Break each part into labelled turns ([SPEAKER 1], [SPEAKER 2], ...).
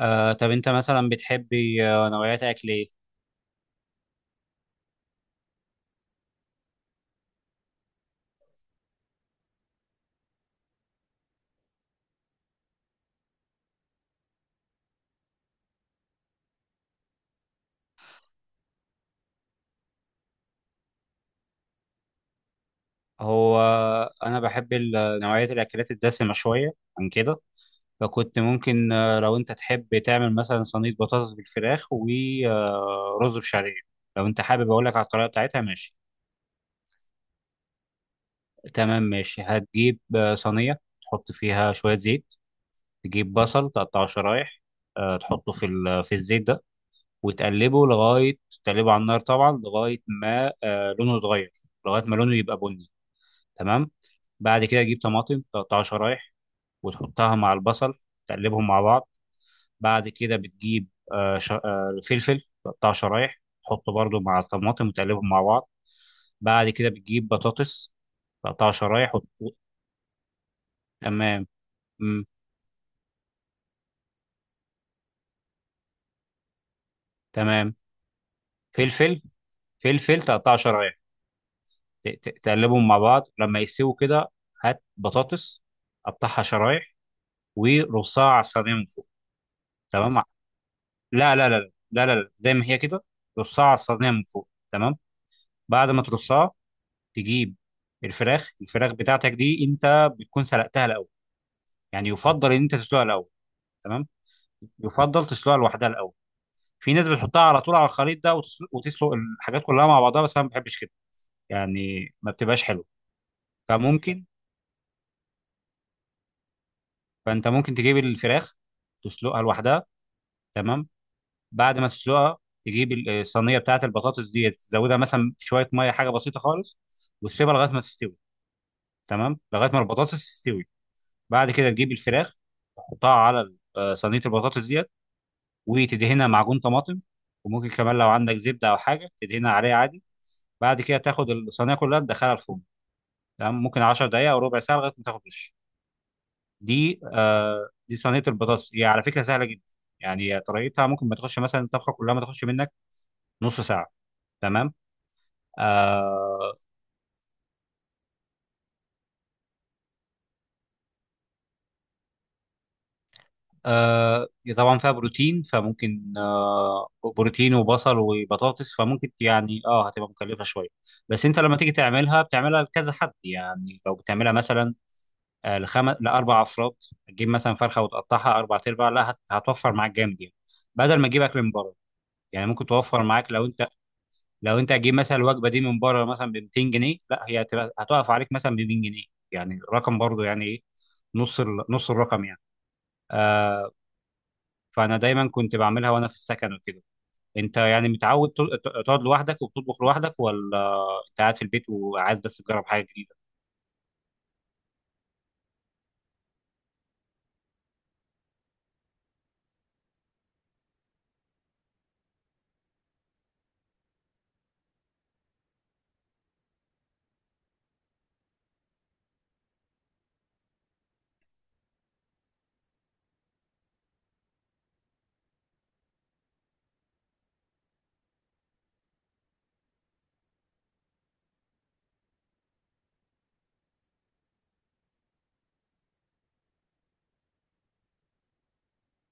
[SPEAKER 1] طب انت مثلا بتحبي، نوعيات اكل ايه؟ هو انا بحب نوعيات الاكلات الدسمه شويه عن كده. فكنت ممكن، لو انت تحب تعمل مثلا صينيه بطاطس بالفراخ ورز بشعريه. لو انت حابب اقول لك على الطريقه بتاعتها، ماشي؟ تمام، ماشي. هتجيب صينيه تحط فيها شويه زيت. تجيب بصل تقطعه شرايح. تحطه في الزيت ده وتقلبه لغايه، تقلبه على النار طبعا لغايه ما لونه يتغير، لغايه ما لونه يبقى بني. تمام. بعد كده تجيب طماطم تقطعها شرايح وتحطها مع البصل، تقلبهم مع بعض. بعد كده بتجيب فلفل تقطعه شرايح، تحطه برضو مع الطماطم وتقلبهم مع بعض. بعد كده بتجيب بطاطس، تقطعها شرايح تمام. مم. تمام. فلفل. فلفل تقطعه شرايح، تقلبهم مع بعض لما يستووا كده. هات بطاطس، قطعها شرايح ورصها على الصينية من فوق. تمام. لا، لا، لا، لا، لا، لا، زي ما هي كده. رصها على الصينية من فوق. تمام. بعد ما ترصها، تجيب الفراخ بتاعتك دي انت بتكون سلقتها الاول، يعني يفضل ان انت تسلقها الاول. تمام. يفضل تسلقها لوحدها الاول. في ناس بتحطها على طول على الخليط ده وتسلق الحاجات كلها مع بعضها، بس انا ما بحبش كده، يعني ما بتبقاش حلو. فممكن، فانت ممكن تجيب الفراخ تسلقها لوحدها. تمام. بعد ما تسلقها، تجيب الصينيه بتاعت البطاطس دي، تزودها مثلا شويه ميه، حاجه بسيطه خالص، وتسيبها لغايه ما تستوي. تمام، لغايه ما البطاطس تستوي. بعد كده تجيب الفراخ، تحطها على صينيه البطاطس ديت، وتدهنها معجون طماطم. وممكن كمان لو عندك زبده او حاجه تدهنها عليها عادي. بعد كده تاخد الصينيه كلها تدخلها الفرن. تمام. ممكن 10 دقائق او ربع ساعه لغايه ما تاخد وش. دي صينيه البطاطس، هي على فكره سهله جدا. يعني طريقتها ممكن ما تخش، مثلا الطبخه كلها ما تخش منك نص ساعه. تمام. آه. آه. طبعا فيها بروتين، فممكن بروتين وبصل وبطاطس، فممكن يعني هتبقى مكلفة شوية. بس انت لما تيجي تعملها بتعملها لكذا حد. يعني لو بتعملها مثلا لأربع أفراد، تجيب مثلا فرخة وتقطعها أربع أرباع، لا هتوفر معاك جامد يعني، بدل ما تجيب أكل من بره. يعني ممكن توفر معاك لو انت، لو انت هتجيب مثلا الوجبة دي من بره مثلا ب 200 جنيه، لا هي هتقف عليك مثلا ب 200 جنيه. يعني رقم برضه يعني ايه، نص الرقم يعني. آه، فانا دايما كنت بعملها وانا في السكن وكده. انت يعني متعود تقعد لوحدك وبتطبخ لوحدك، ولا انت قاعد في البيت وعايز بس تجرب حاجه جديده؟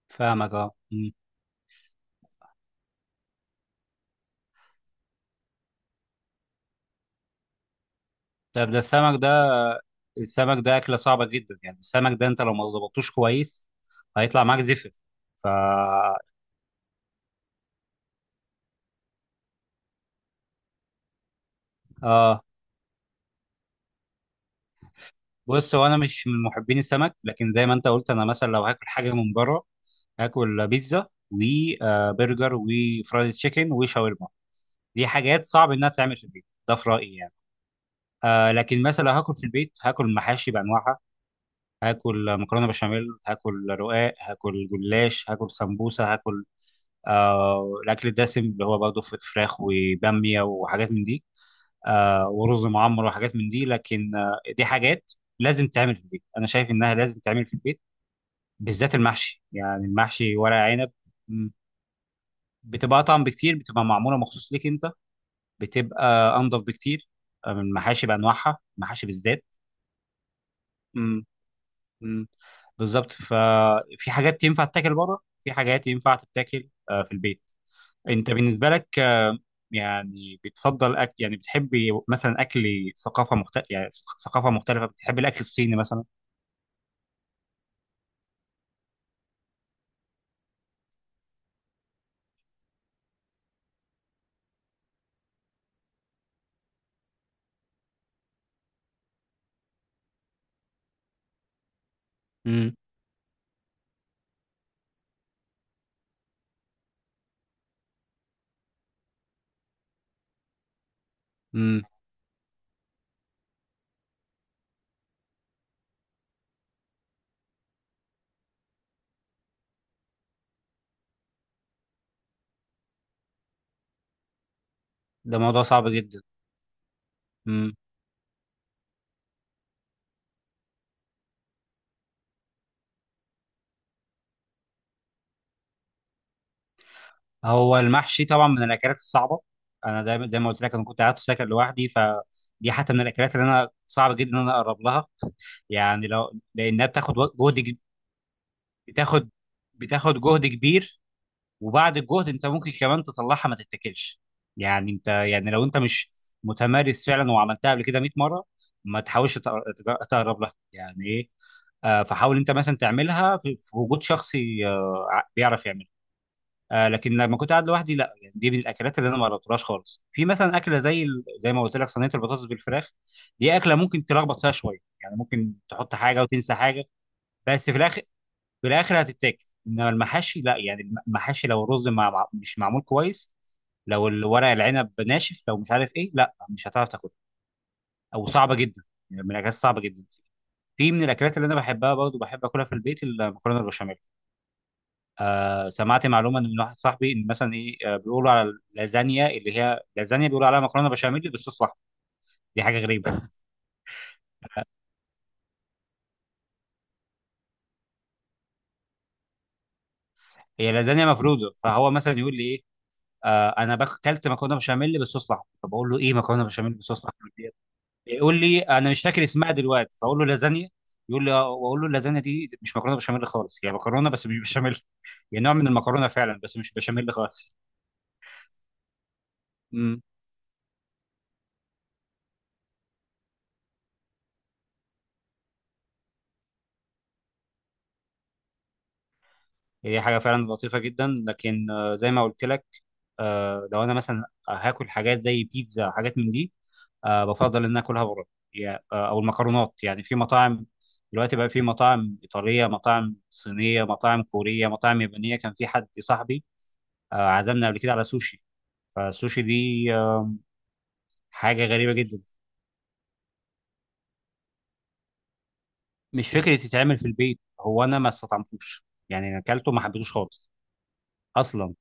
[SPEAKER 1] فاهمك. اه. مم. طب ده السمك ده، السمك ده اكله صعبه جدا. يعني السمك ده انت لو ما ظبطتوش كويس هيطلع معاك زفر. ف اه. بص هو انا مش من محبين السمك، لكن زي ما انت قلت انا مثلا لو هاكل حاجه من بره هاكل بيتزا وبرجر وفرايد تشيكن وشاورما. دي حاجات صعب انها تعمل في البيت ده في رايي يعني. لكن مثلا هاكل في البيت، هاكل محاشي بانواعها، هاكل مكرونه بشاميل، هاكل رقاق، هاكل جلاش، هاكل سمبوسه، هاكل الاكل الدسم، اللي هو برضه فراخ وباميه وحاجات من دي، ورز معمر وحاجات من دي. لكن دي حاجات لازم تعمل في البيت. انا شايف انها لازم تعمل في البيت، بالذات المحشي. يعني المحشي ورق عنب، م، بتبقى اطعم بكتير، بتبقى معموله مخصوص ليك انت، بتبقى انضف بكتير من المحاشي بانواعها، المحاشي بالذات. م. م. بالظبط. ففي حاجات ينفع تتاكل بره، في حاجات ينفع تتاكل في البيت. انت بالنسبه لك يعني بتفضل أكل، يعني بتحبي مثلا اكل ثقافه مختلفه يعني؟ ثقافه مختلفه، بتحبي الاكل الصيني مثلا؟ امم امم ده موضوع صعب جدا. امم هو المحشي طبعا من الاكلات الصعبه. انا دايما زي ما قلت لك، انا كنت قاعد في سكن لوحدي، فدي حتى من الاكلات اللي انا صعب جدا ان انا اقرب لها يعني، لو لانها بتاخد جهد بتاخد بتاخد جهد كبير. وبعد الجهد انت ممكن كمان تطلعها ما تتاكلش. يعني انت، يعني لو انت مش متمارس فعلا وعملتها قبل كده 100 مره، ما تحاولش تقرب لها يعني ايه. فحاول انت مثلا تعملها في وجود شخص بيعرف يعملها. لكن لما كنت قاعد لوحدي، لا يعني دي من الاكلات اللي انا ما جربتهاش خالص. في مثلا اكله زي زي ما قلت لك صينيه البطاطس بالفراخ، دي اكله ممكن تلخبط فيها شويه، يعني ممكن تحط حاجه وتنسى حاجه، بس في الاخر، في الاخر هتتاكل. انما المحاشي لا، يعني المحاشي لو الرز مش معمول كويس، لو الورق العنب ناشف، لو مش عارف ايه، لا مش هتعرف تاكله او صعبه جدا، يعني من الاكلات صعبه جدا. في من الاكلات اللي انا بحبها برضه بحب اكلها في البيت المكرونه البشاميل. سمعت معلومه إن من واحد صاحبي، ان مثلا ايه، بيقولوا على اللازانيا، اللي هي لازانيا، بيقولوا عليها مكرونه بشاميل بالصوص الاحمر. دي حاجه غريبه. آه هي لازانيا مفروده، فهو مثلا يقول لي ايه، اكلت مكرونه بشاميل بالصوص الاحمر. فبقول له ايه، مكرونه بشاميل بالصوص الاحمر دي؟ يقول لي انا مش فاكر اسمها دلوقتي، فاقول له لازانيا. يقول لي اه، واقول له اللازانيا دي مش مكرونه بشاميل خالص، هي مكرونه بس مش بشاميل. هي نوع من المكرونه فعلا بس مش بشاميل خالص. امم هي حاجه فعلا لطيفه جدا، لكن زي ما قلت لك، لو انا مثلا هاكل حاجات زي بيتزا، حاجات من دي، بفضل ان أنا اكلها بره. او المكرونات، يعني في مطاعم. دلوقتي بقى في مطاعم ايطاليه، مطاعم صينيه، مطاعم كوريه، مطاعم يابانيه. كان في حد صاحبي عزمنا قبل كده على سوشي. فالسوشي دي حاجه غريبه جدا، مش فكره تتعمل في البيت. هو انا ما استطعمتوش، يعني انا اكلته ما حبيتوش خالص اصلا.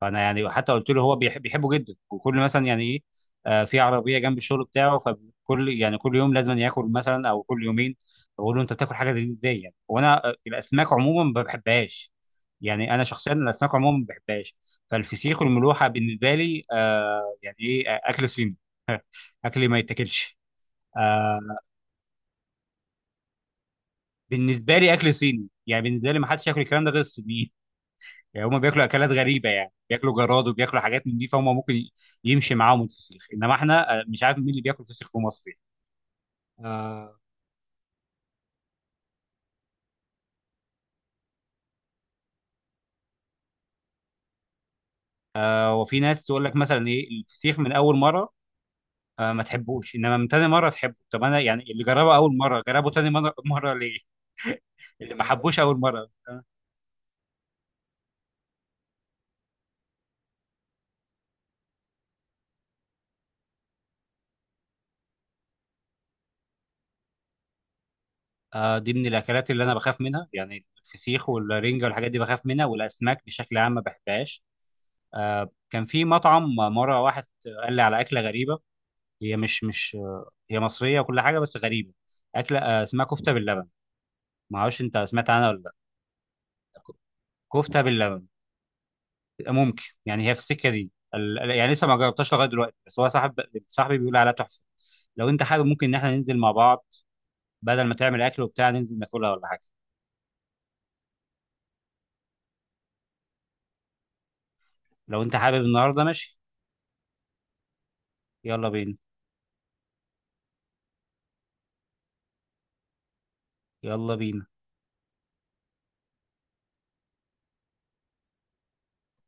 [SPEAKER 1] فانا يعني حتى قلت له، هو بيحبه جدا وكل مثلا، يعني ايه، في عربيه جنب الشغل بتاعه فكل، يعني كل يوم لازم ياكل مثلا، او كل يومين. بقول له انت بتاكل حاجه زي دي ازاي يعني، وانا الاسماك عموما ما بحبهاش، يعني انا شخصيا الاسماك عموما ما بحبهاش. فالفسيخ والملوحه بالنسبه لي، يعني ايه، اكل صيني، اكل ما يتاكلش. آه، بالنسبه لي اكل صيني يعني، بالنسبه لي ما حدش ياكل الكلام ده غير الصينيين. يعني هم بياكلوا اكلات غريبه، يعني بياكلوا جراد وبياكلوا حاجات من دي، فهم ممكن يمشي معاهم الفسيخ، انما احنا مش عارف مين اللي بياكل فسيخ في مصر يعني. آه وفي ناس تقول لك مثلا ايه، الفسيخ من اول مره ما تحبوش، انما من تاني مره تحبه. طب انا يعني، اللي جربه اول مره جربه تاني مره مره ليه؟ اللي ما حبوش اول مره دي من الاكلات اللي انا بخاف منها، يعني الفسيخ والرنجه والحاجات دي بخاف منها، والاسماك بشكل عام ما بحبهاش. كان في مطعم مره واحد قال لي على اكله غريبه، هي مش مش آه، هي مصريه وكل حاجه بس غريبه. اكله اسمها كفته باللبن. ما اعرفش انت سمعت عنها ولا لا؟ ك- كفته باللبن. ممكن يعني، هي في السكه دي يعني لسه ما جربتهاش لغايه دلوقتي، بس هو صاحبي بيقول عليها تحفه. لو انت حابب، ممكن ان احنا ننزل مع بعض بدل ما تعمل اكل وبتاع، ننزل ناكلها ولا حاجه. لو انت حابب النهارده ماشي. يلا بينا، يلا بينا.